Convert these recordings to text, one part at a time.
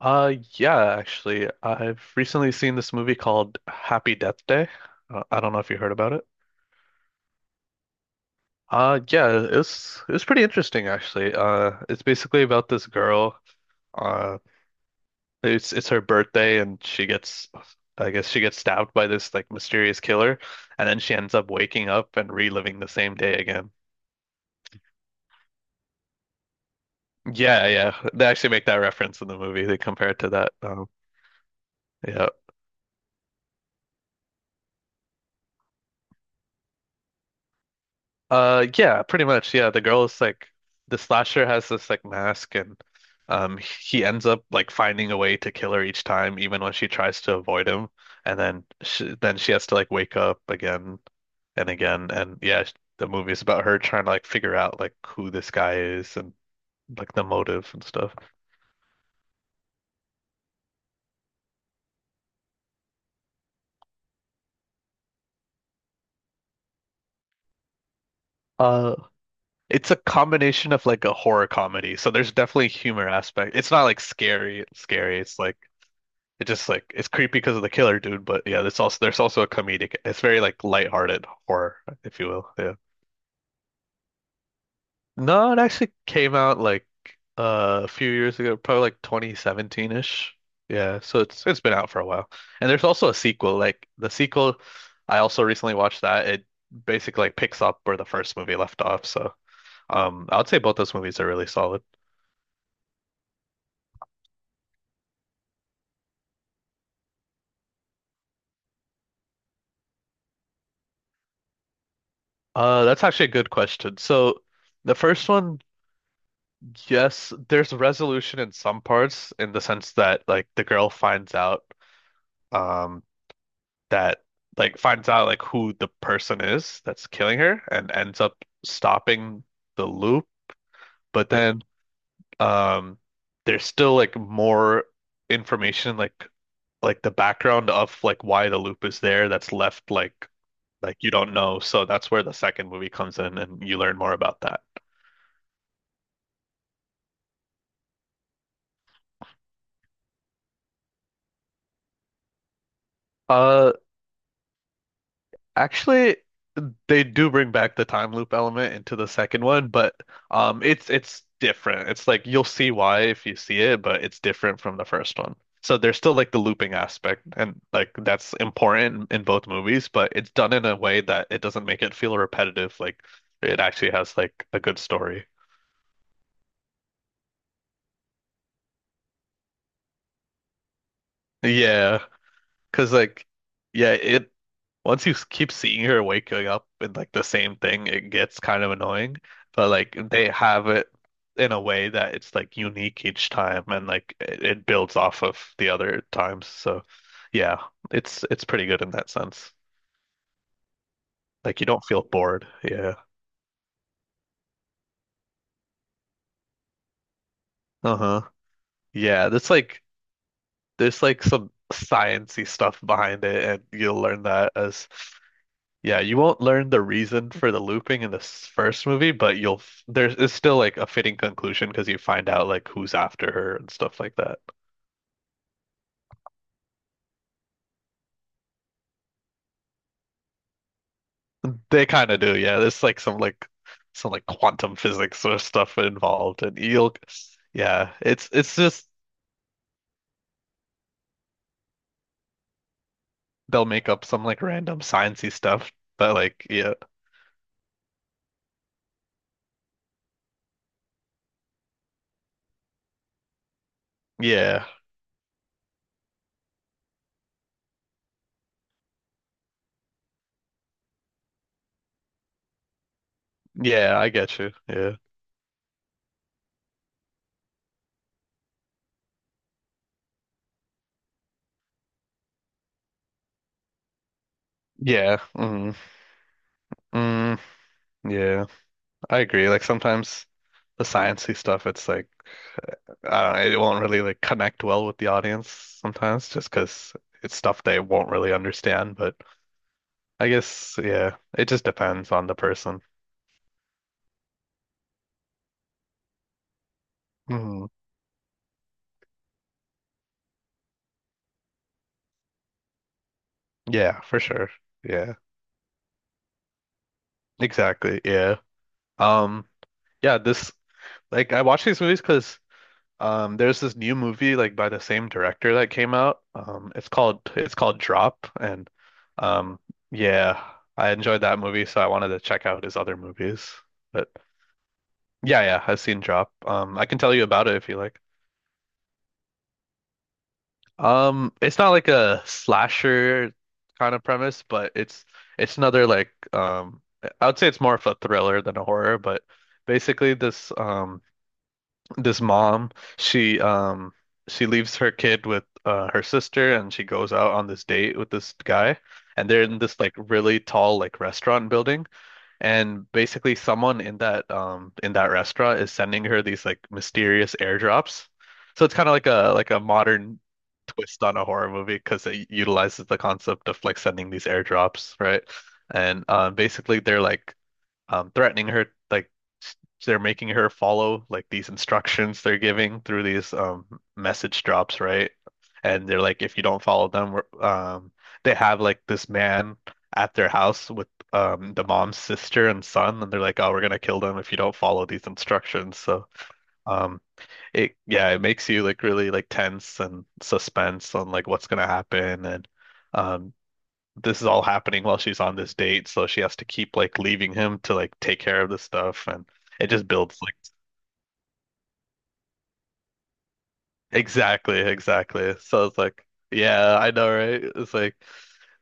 Yeah, actually, I've recently seen this movie called Happy Death Day. I don't know if you heard about it. Yeah, it was pretty interesting actually. It's basically about this girl. Uh, it's her birthday and she gets, I guess she gets stabbed by this like mysterious killer, and then she ends up waking up and reliving the same day again. Yeah, yeah, they actually make that reference in the movie. They compare it to that. Yeah. Yeah, pretty much. Yeah, the girl is like the slasher has this like mask, and he ends up like finding a way to kill her each time, even when she tries to avoid him. And then she has to like wake up again and again. And yeah, the movie is about her trying to like figure out like who this guy is and like the motive and stuff. Uh, it's a combination of like a horror comedy, so there's definitely humor aspect. It's not like scary, scary. It's like it just like it's creepy because of the killer dude, but yeah, there's also a comedic. It's very like lighthearted horror, if you will. Yeah. No, it actually came out like a few years ago, probably like 2017-ish. Yeah, so it's been out for a while. And there's also a sequel. Like the sequel, I also recently watched that. It basically like picks up where the first movie left off. So I would say both those movies are really solid. That's actually a good question. So the first one, yes, there's resolution in some parts in the sense that like the girl finds out um that like finds out like who the person is that's killing her and ends up stopping the loop. But then um there's still like more information like the background of like why the loop is there that's left like you don't know. So that's where the second movie comes in and you learn more about that. Uh actually they do bring back the time loop element into the second one, but it's different. It's like you'll see why if you see it, but it's different from the first one. So there's still like the looping aspect and like that's important in both movies, but it's done in a way that it doesn't make it feel repetitive. Like it actually has like a good story. Yeah. Cause like, yeah, it once keep seeing her waking up with like the same thing, it gets kind of annoying. But like they have it in a way that it's like unique each time, and like it builds off of the other times. So yeah, it's pretty good in that sense. Like you don't feel bored. Yeah. Uh-huh. Yeah, there's like some sciency stuff behind it, and you'll learn that as, yeah, you won't learn the reason for the looping in this first movie, but you'll f- there's it's still like a fitting conclusion because you find out like who's after her and stuff like that. They kind of do, yeah. There's like some like some like quantum physics sort of stuff involved, and you'll yeah, it's just they'll make up some like random sciencey stuff, but like yeah, yeah, yeah, I get you, yeah, yeah, mm, mm, yeah, I agree. Like sometimes the sciencey stuff, it's like, I don't know, it won't really like connect well with the audience sometimes just because it's stuff they won't really understand. But I guess, yeah, it just depends on the person. Mhm. Yeah, for sure. Yeah, exactly. Yeah. Um, yeah, this like I watch these movies because there's this new movie like by the same director that came out. It's called Drop and um yeah, I enjoyed that movie so I wanted to check out his other movies. But. Yeah, yeah, I've seen Drop. I can tell you about it if you like. It's not like a slasher kind of premise, but it's another like I would say it's more of a thriller than a horror. But basically, this this mom, she um she leaves her kid with her sister, and she goes out on this date with this guy, and they're in this like really tall like restaurant building. And basically someone in that restaurant is sending her these like mysterious airdrops. So it's kind of like a modern twist on a horror movie because it utilizes the concept of like sending these airdrops, right? And basically they're like threatening her, like s- they're making her follow like these instructions they're giving through these message drops, right? And they're like, if you don't follow them, they have like this man at their house with the mom's sister and son, and they're like, oh, we're gonna kill them if you don't follow these instructions. So um, it yeah, it makes you like really like tense and suspense on like what's gonna happen. And. Um, this is all happening while she's on this date, so she has to keep like leaving him to like take care of this stuff and it just builds like exactly, exactly. So it's like, yeah, I know, right? It's like,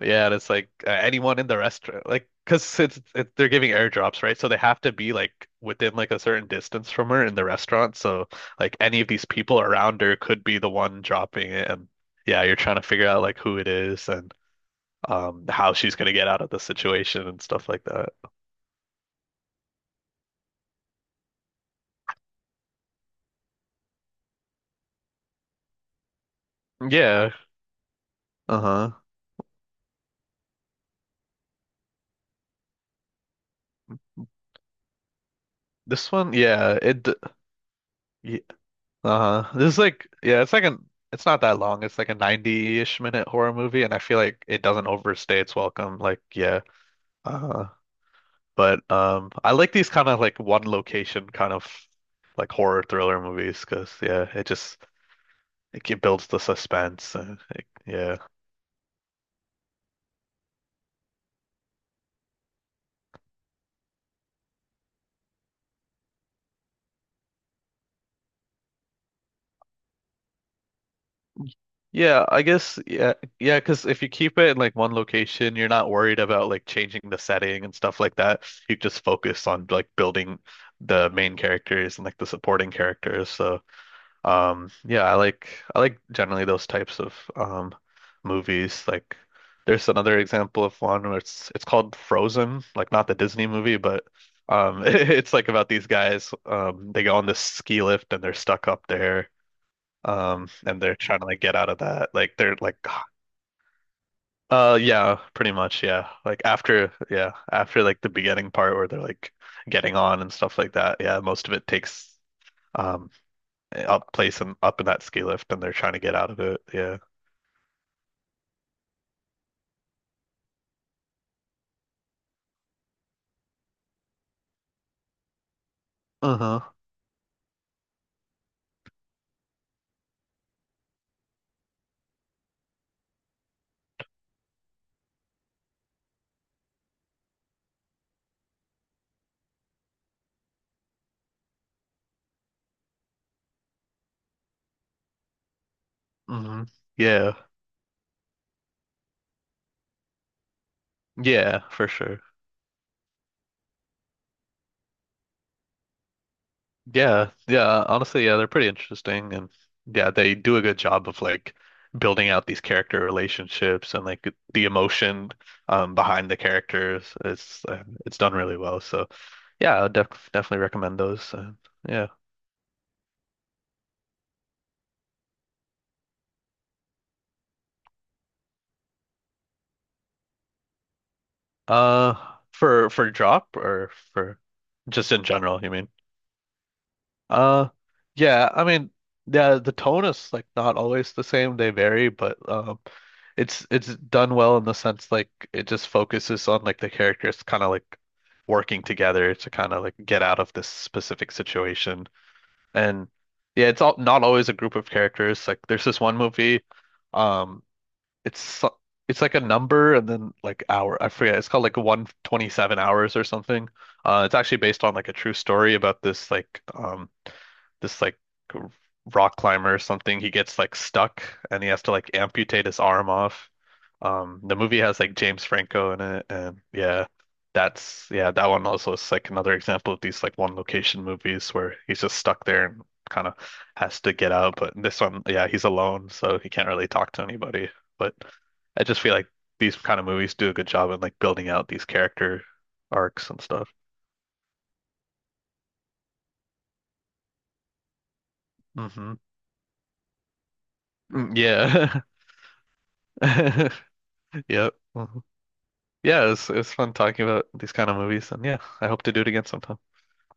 yeah, and it's like anyone in the restaurant, like, because they're giving airdrops, right? So they have to be like within like a certain distance from her in the restaurant. So like any of these people around her could be the one dropping it, and yeah, you're trying to figure out like who it is and how she's gonna get out of the situation and stuff like that. Yeah. Uh-huh. This one, yeah, y- uh-huh. This is like yeah, it's like an it's not that long. It's like a 90-ish minute horror movie and I feel like it doesn't overstay its welcome. Like yeah. Uh-huh. But I like these kind of like one location kind of like horror thriller movies 'cause yeah, it just builds the suspense and it, yeah. Yeah, I guess yeah, yeah, because if you keep it in like one location, you're not worried about like changing the setting and stuff like that. You just focus on like building the main characters and like the supporting characters. So, yeah, I like generally those types of movies. Like, there's another example of one where it's called Frozen, like not the Disney movie, but it's like about these guys. They go on this ski lift and they're stuck up there and they're trying to like get out of that. Like they're like, yeah, pretty much, yeah. Like after, yeah, after like the beginning part where they're like getting on and stuff like that. Yeah, most of it takes um up place and up in that ski lift, and they're trying to get out of it. Yeah. Uh-huh. Hmm. Yeah. Yeah, for sure. Yeah, yeah, honestly, yeah, they're pretty interesting and yeah, they do a good job of like building out these character relationships and like the emotion behind the characters. It's done really well. So, yeah, I would definitely recommend those. Yeah. Uh for drop or for just in general, you mean? Uh, yeah, I mean, yeah, the tone is like not always the same. They vary, but it's done well in the sense like it just focuses on like the characters kind of like working together to kind of like get out of this specific situation. And yeah, it's all not always a group of characters. Like there's this one movie, um, it's so- it's like a number and then like hour. I forget. It's called like 127 hours or something. It's actually based on like a true story about this like rock climber or something. He gets like stuck and he has to like amputate his arm off. The movie has like James Franco in it, and yeah, that's yeah, that one also is like another example of these like one location movies where he's just stuck there and kind of has to get out. But in this one, yeah, he's alone, so he can't really talk to anybody. But I just feel like these kind of movies do a good job in like building out these character arcs and stuff. Hmm. Mm, yeah. Yep. Mhm. Yeah, it was fun talking about these kind of movies, and yeah, I hope to do it again sometime.